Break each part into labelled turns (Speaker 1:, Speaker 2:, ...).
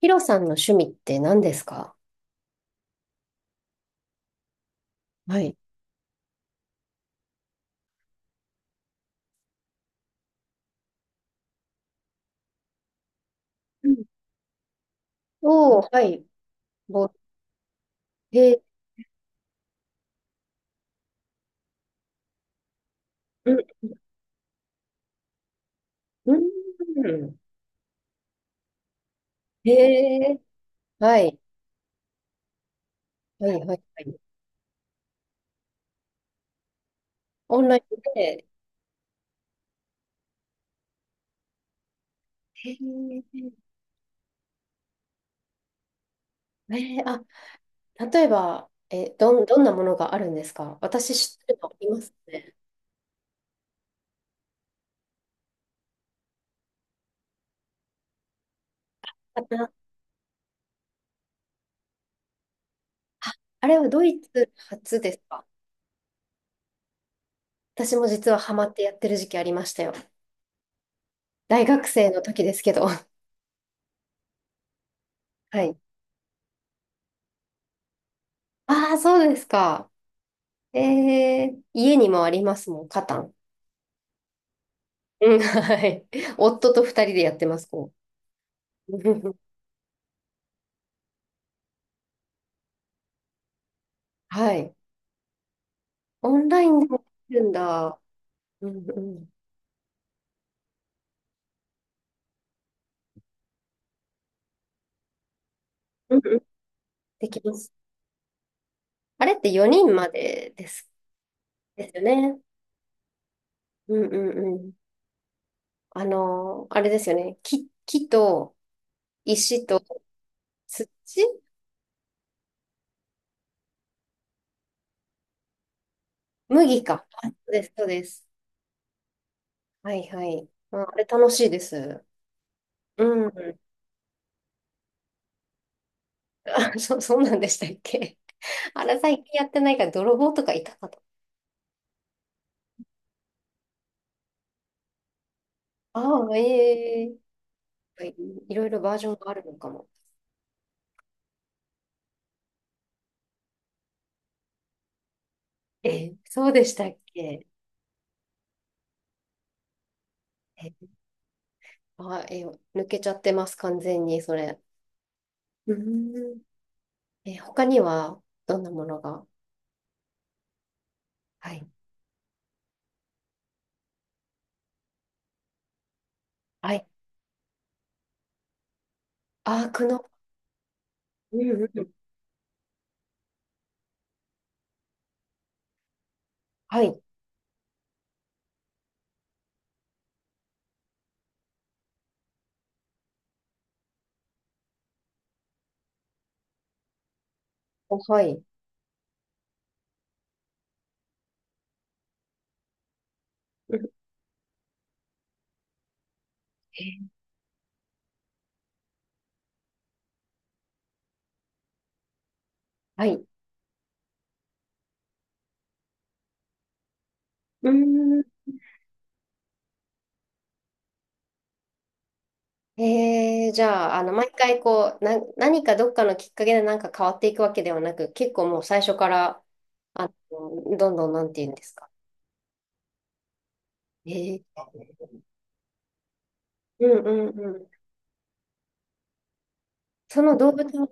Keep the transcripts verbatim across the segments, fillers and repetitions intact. Speaker 1: ヒロさんの趣味って何ですか？はい。うん。おー、はい。ぼ、へえ。うん、うん。へえ。はい、はい、はい、はい。オンラインで。へええー、あ、例えば、え、どん、どんなものがあるんですか？私知ってるのいますね。あ、なあ、あれはドイツ初ですか？私も実はハマってやってる時期ありましたよ。大学生の時ですけど。はい。ああ、そうですか。えー、家にもありますもん、カタン。うん、はい。夫と二人でやってます、こう。うん。はい。オンラインでもできるんだ。うんうん。うんうん、できます。あれってよにんまでです。ですよね。うんうんうん。あのーあれですよね。木、木と石と土、麦か。あ、そうです、そうです。はいはい。うん、あれ楽しいです。うん。あ、そ、そうなんでしたっけ。あれ最近やってないから泥棒とかいたかと。ああ、ええ、ぱいいろいろバージョンがあるのかも。え、そうでしたっけ？え、あ、え、抜けちゃってます、完全に、それ。うーん。え、他には、どんなものが？はい。はい。アークの、うんうんうん。はい。お、はい。うん、はい。うんん。えー、じゃあ、あの、毎回こう、な、何かどっかのきっかけでなんか変わっていくわけではなく、結構もう最初から、あの、どんどんなんて言うんですか？えー、うんうんうん。その動物の、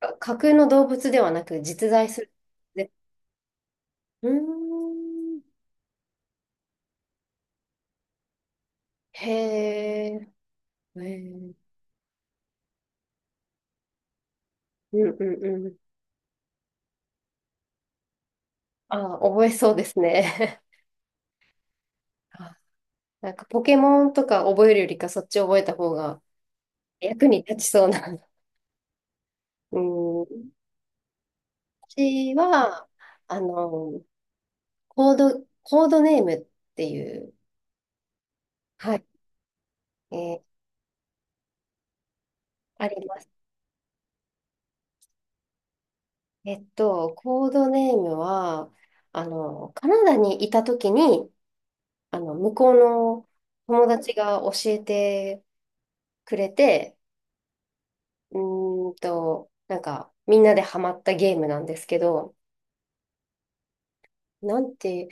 Speaker 1: あ、架空の動物ではなく実在する。で、うーん。へえ。へー。うんうんうん。ああ、覚えそうですね。あ、なんかポケモンとか覚えるよりかそっち覚えた方が役に立ちそうな。うん。私は、あの、コード、コードネームっていう、はい、えーあります。えっと、コードネームは、あの、カナダにいたときに、あの、向こうの友達が教えてくれて、うーんと、なんか、みんなでハマったゲームなんですけど、なんて、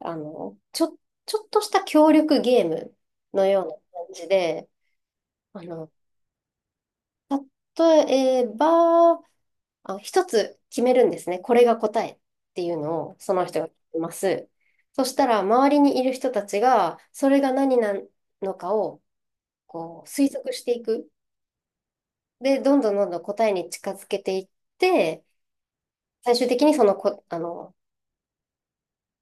Speaker 1: あの、ちょ、ちょっとした協力ゲームのような感じで、あの、例えば、あ、一つ決めるんですね。これが答えっていうのを、その人が決めます。そしたら、周りにいる人たちが、それが何なのかを、こう、推測していく。で、どんどんどんどん答えに近づけていって、最終的にそのこ、あの、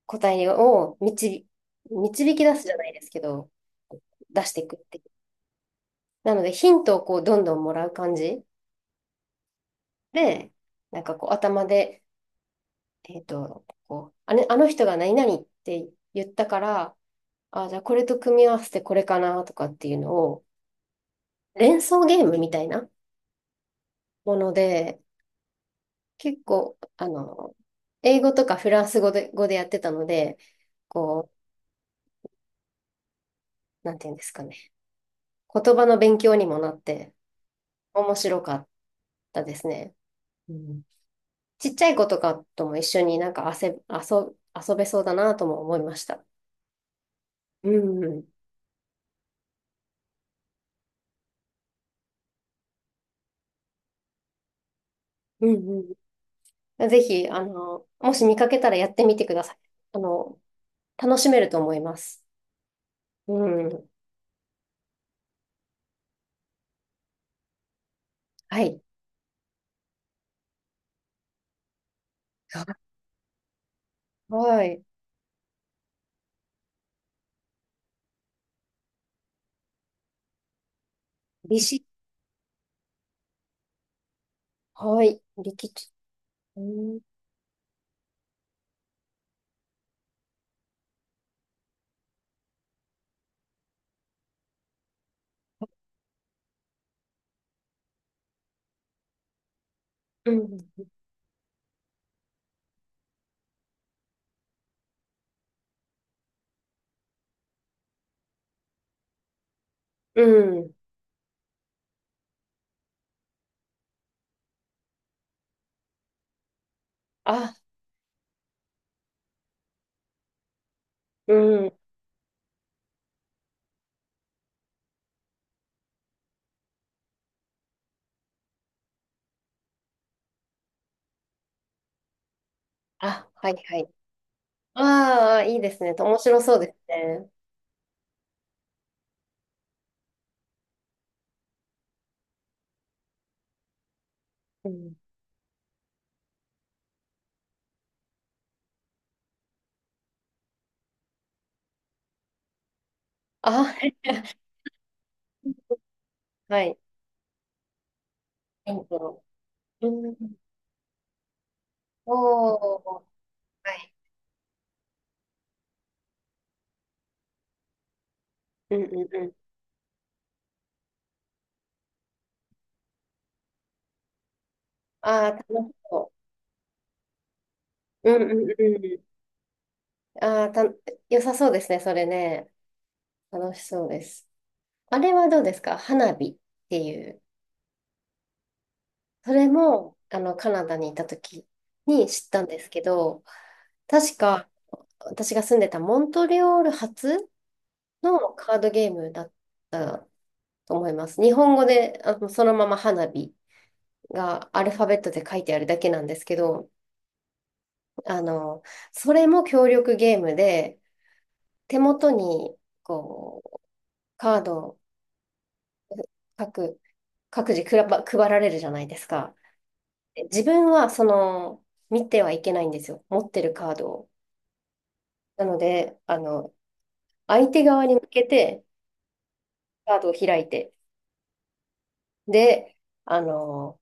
Speaker 1: 答えを導、導き出すじゃないですけど、出していくっていう。なので、ヒントをこう、どんどんもらう感じで、なんかこう、頭で、えっと、こう、あれ、あの人が何々って言ったから、あ、じゃあこれと組み合わせてこれかなとかっていうのを、連想ゲームみたいなもので、結構、あの、英語とかフランス語で、語でやってたので、こう、なんていうんですかね。言葉の勉強にもなって、面白かったですね。うん、ちっちゃい子とかとも一緒になんか遊べ、遊遊べそうだなとも思いました。うん、うん、うんうん。ぜひ、あの、もし見かけたらやってみてください。あの、楽しめると思います。うん。はい。はい。利子。はい。力士。うん。うん。うん。あ、うん。あ、はいはい。ああ、いいですね。面白そうですね。うん、あ、はい。はい。インド。うん。おー。はい。うんうんうん。ああ、楽しそう。うんうんうん。ああ、た、良さそうですね、それね。楽しそうです。あれはどうですか？花火っていう。それも、あの、カナダにいた時に知ったんですけど、確か私が住んでたモントリオール発のカードゲームだと思います。日本語で、あの、そのまま花火がアルファベットで書いてあるだけなんですけど、あの、それも協力ゲームで、手元に、こう、カードを各、各自くらば配られるじゃないですか。で自分は、その、見てはいけないんですよ。持ってるカードを。なので、あの、相手側に向けて、カードを開いて。で、あの、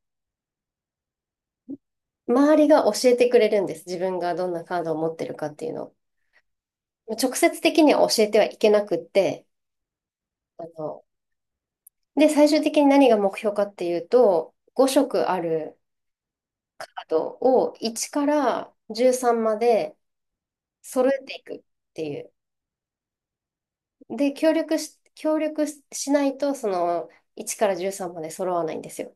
Speaker 1: 周りが教えてくれるんです。自分がどんなカードを持ってるかっていうのを。直接的には教えてはいけなくって、あの、で、最終的に何が目標かっていうと、ご色あるカードをいちからじゅうさんまで揃えていくっていう。で、協力し、協力しないと、そのいちからじゅうさんまで揃わないんですよ。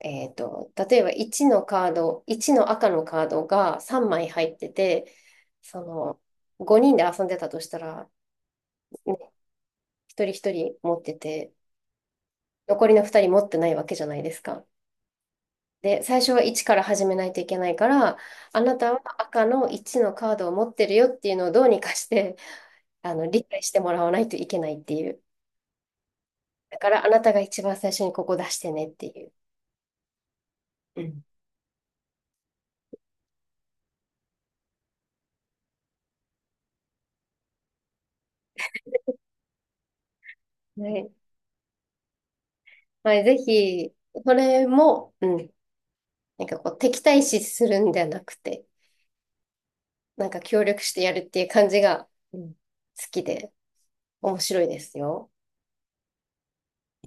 Speaker 1: えっと、例えばいちのカード、いちの赤のカードがさんまい入ってて、そのごにんで遊んでたとしたら、ね、一人一人持ってて、残りのふたり持ってないわけじゃないですか。で、最初はいちから始めないといけないから、あなたは赤のいちのカードを持ってるよっていうのをどうにかして、あの、理解してもらわないといけないっていう。だからあなたが一番最初にここ出してねっていう。うん。はい。はい、ぜひ、それも、うん。なんかこう、敵対視するんじゃなくて、なんか協力してやるっていう感じが、うん、好きで面白いですよ。